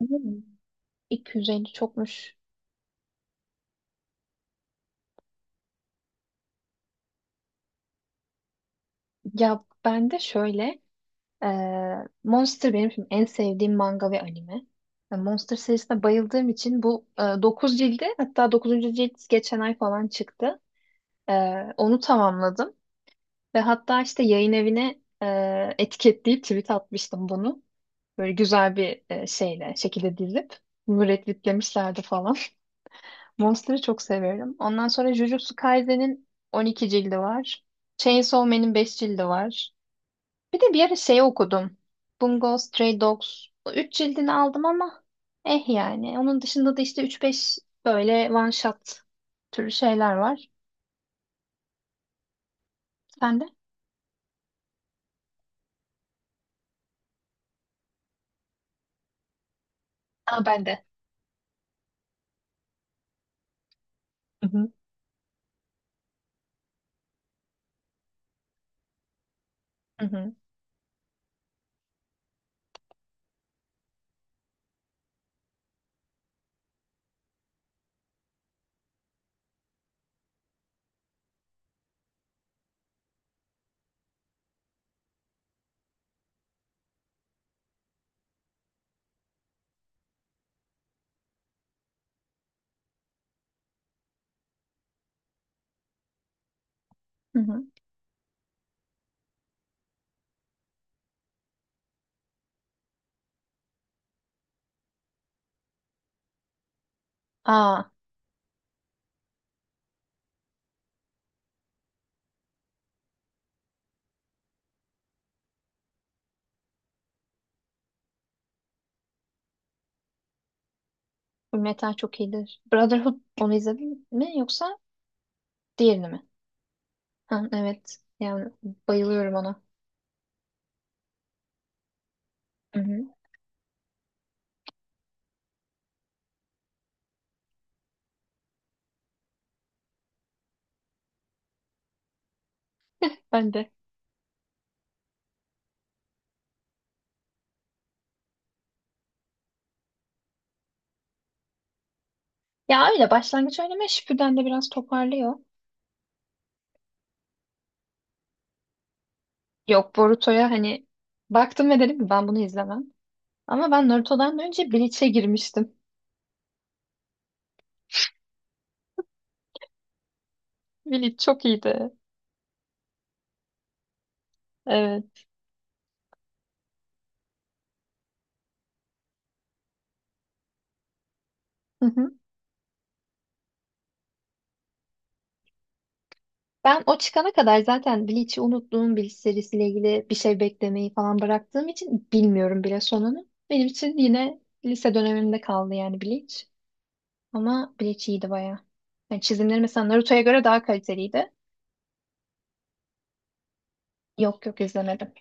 Hmm, 250 çokmuş. Ya ben de şöyle e, Monster benim şimdi en sevdiğim manga ve anime. Monster serisine bayıldığım için bu 9 cildi, hatta 9. cilt geçen ay falan çıktı. E, onu tamamladım ve hatta işte yayın evine etiketleyip tweet atmıştım bunu. Böyle güzel bir şekilde dizip müretritlemişlerdi falan. Monster'ı çok severim. Ondan sonra Jujutsu Kaisen'in 12 cildi var. Chainsaw Man'in 5 cildi var. Bir de bir ara şey okudum. Bungo Stray Dogs. O 3 cildini aldım ama eh yani. Onun dışında da işte 3-5 böyle one shot türü şeyler var. Sen de? Aa, ben de. Hı hı. Hı hı. Hı hı. Aa, Fullmetal çok iyidir. Brotherhood onu izledin mi yoksa diğerini mi? Ha, evet. Yani bayılıyorum ona. Hı hı. Ben de. Ya öyle başlangıç oynamaya Shippuden de biraz toparlıyor. Yok, Boruto'ya hani baktım ve dedim ki ben bunu izlemem. Ama ben Naruto'dan önce Bleach'e girmiştim. Bleach çok iyiydi. Evet. Hı hı. Ben o çıkana kadar zaten Bleach'i unuttuğum, Bleach serisiyle ilgili bir şey beklemeyi falan bıraktığım için bilmiyorum bile sonunu. Benim için yine lise dönemimde kaldı yani Bleach. Ama Bleach iyiydi bayağı. Yani çizimleri mesela Naruto'ya göre daha kaliteliydi. Yok, yok izlemedim.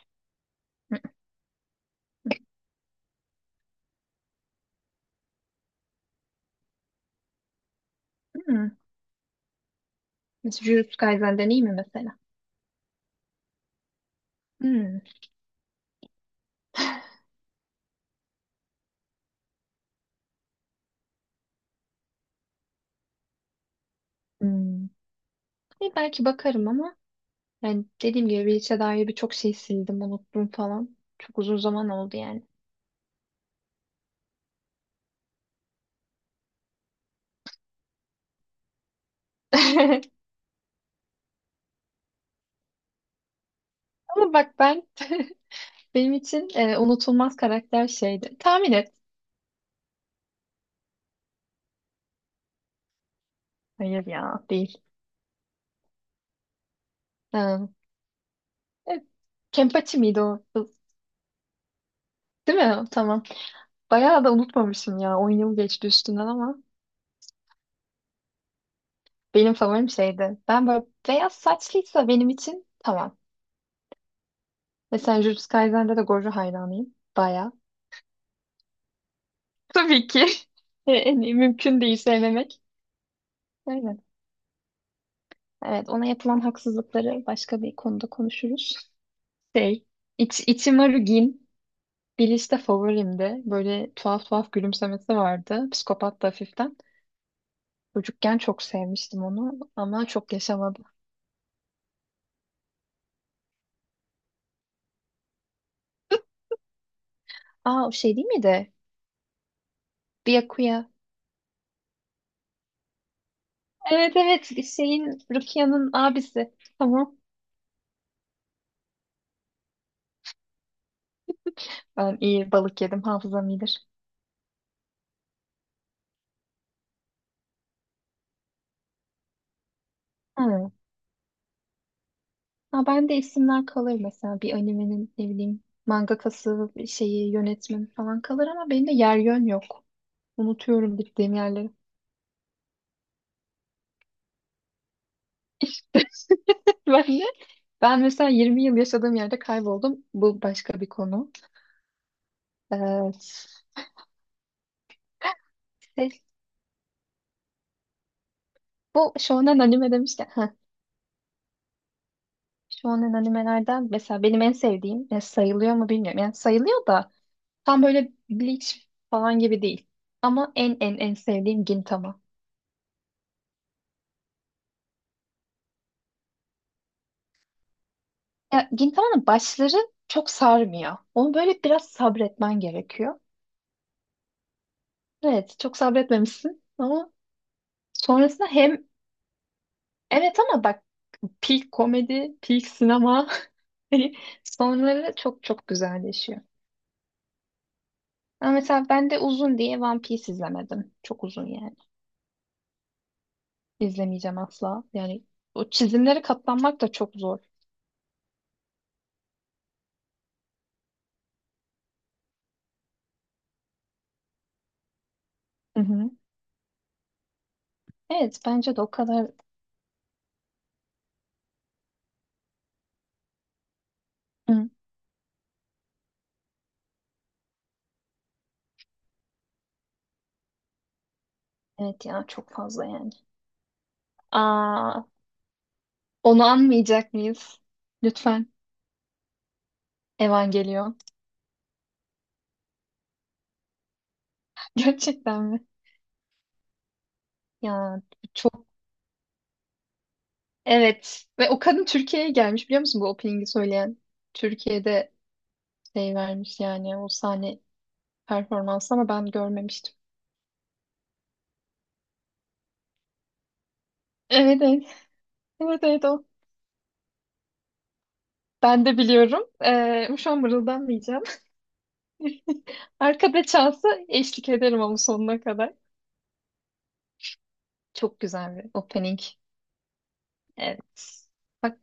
Hmm. Jujutsu Kaisen'den iyi mi mesela? Hmm. Hmm. Belki bakarım ama yani dediğim gibi Bleach'e dair birçok şey sildim, unuttum falan. Çok uzun zaman oldu yani. Ama bak benim için unutulmaz karakter şeydi. Tahmin et. Hayır ya, değil. Ha. Evet. Kenpachi miydi o? Kız? Değil mi? Tamam. Bayağı da unutmamışım ya. 10 yıl geçti üstünden ama benim favorim şeydi. Ben böyle beyaz saçlıysa benim için tamam. Mesela Jujutsu Kaisen'de de Gojo hayranıyım. Baya. Tabii ki. En iyi, mümkün değil sevmemek. Aynen. Evet, ona yapılan haksızlıkları başka bir konuda konuşuruz. Şey, Ichimaru Gin, Bleach'te favorimdi. Böyle tuhaf tuhaf gülümsemesi vardı. Psikopat da hafiften. Çocukken çok sevmiştim onu ama çok yaşamadı. Aa, o şey değil miydi? Byakuya. Evet, evet, şeyin Rukia'nın abisi. Tamam. Ben iyi balık yedim, hafızam iyidir. Hı. Ha, ben de isimler kalır mesela bir animenin ne bileyim mangakası, şeyi, yönetmeni falan kalır ama benim de yer yön yok. Unutuyorum gittiğim yerleri. Ben de ben mesela 20 yıl yaşadığım yerde kayboldum. Bu başka bir konu. Evet. Şey, bu shonen anime demişken. Heh. Shonen animelerden mesela benim en sevdiğim, ya sayılıyor mu bilmiyorum. Yani sayılıyor da tam böyle Bleach falan gibi değil. Ama en en en sevdiğim Gintama. Ya Gintama'nın başları çok sarmıyor. Onu böyle biraz sabretmen gerekiyor. Evet, çok sabretmemişsin ama sonrasında hem evet ama bak, peak komedi, peak sinema hani sonları çok çok güzelleşiyor. Ama mesela ben de uzun diye One Piece izlemedim. Çok uzun yani. İzlemeyeceğim asla. Yani o çizimlere katlanmak da çok zor. Hı hı. Evet, bence de o kadar. Hı. Evet ya, çok fazla yani. Aa, onu anmayacak mıyız? Lütfen. Evangelion. Gerçekten mi? Ya çok, evet. Ve o kadın Türkiye'ye gelmiş, biliyor musun, bu opening'i söyleyen? Türkiye'de şey vermiş yani, o sahne performansı, ama ben görmemiştim. Evet, evet. Evet, evet, o. Ben de biliyorum. Şu an mırıldanmayacağım. Arkada çalsa eşlik ederim, ama sonuna kadar. Çok güzel bir opening. Evet. Bak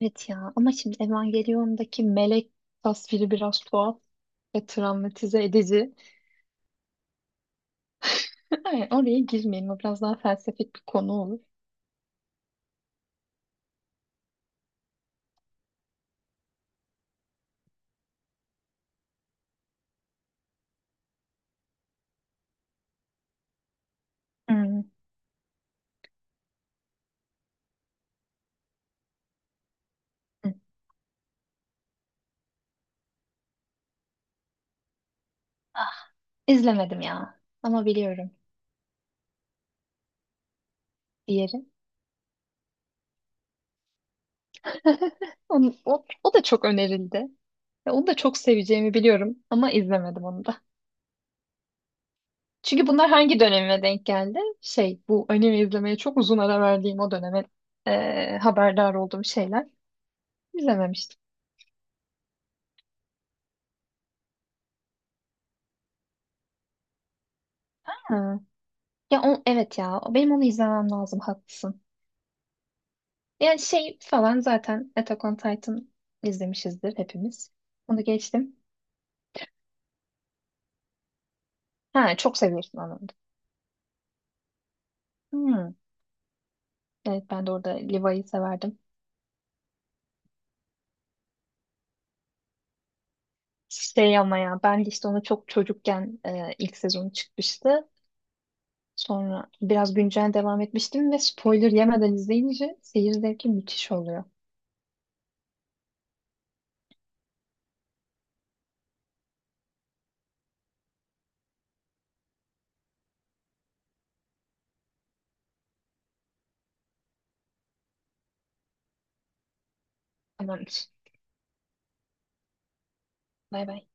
evet ya, ama şimdi Evangelion'daki melek tasviri biraz tuhaf ve travmatize edici. Hayır, oraya girmeyelim. O biraz daha felsefik bir konu olur. Hmm. Hı. Ah, izlemedim ya. Ama biliyorum diğeri. O da çok önerildi. Ve onu da çok seveceğimi biliyorum ama izlemedim onu da. Çünkü bunlar hangi döneme denk geldi? Şey, bu anime izlemeye çok uzun ara verdiğim o döneme haberdar olduğum şeyler. İzlememiştim. Ha. Ya o, evet ya, benim onu izlemem lazım, haklısın. Yani şey falan zaten Attack on Titan izlemişizdir hepimiz. Onu geçtim. Ha, çok seviyorsun, anladım. Hmm. Evet, ben de orada Levi'yi severdim. Şey, ama ya ben de işte onu çok çocukken ilk sezonu çıkmıştı. Sonra biraz güncel devam etmiştim ve spoiler yemeden izleyince seyir zevki müthiş oluyor. Tamamdır. Bay bay.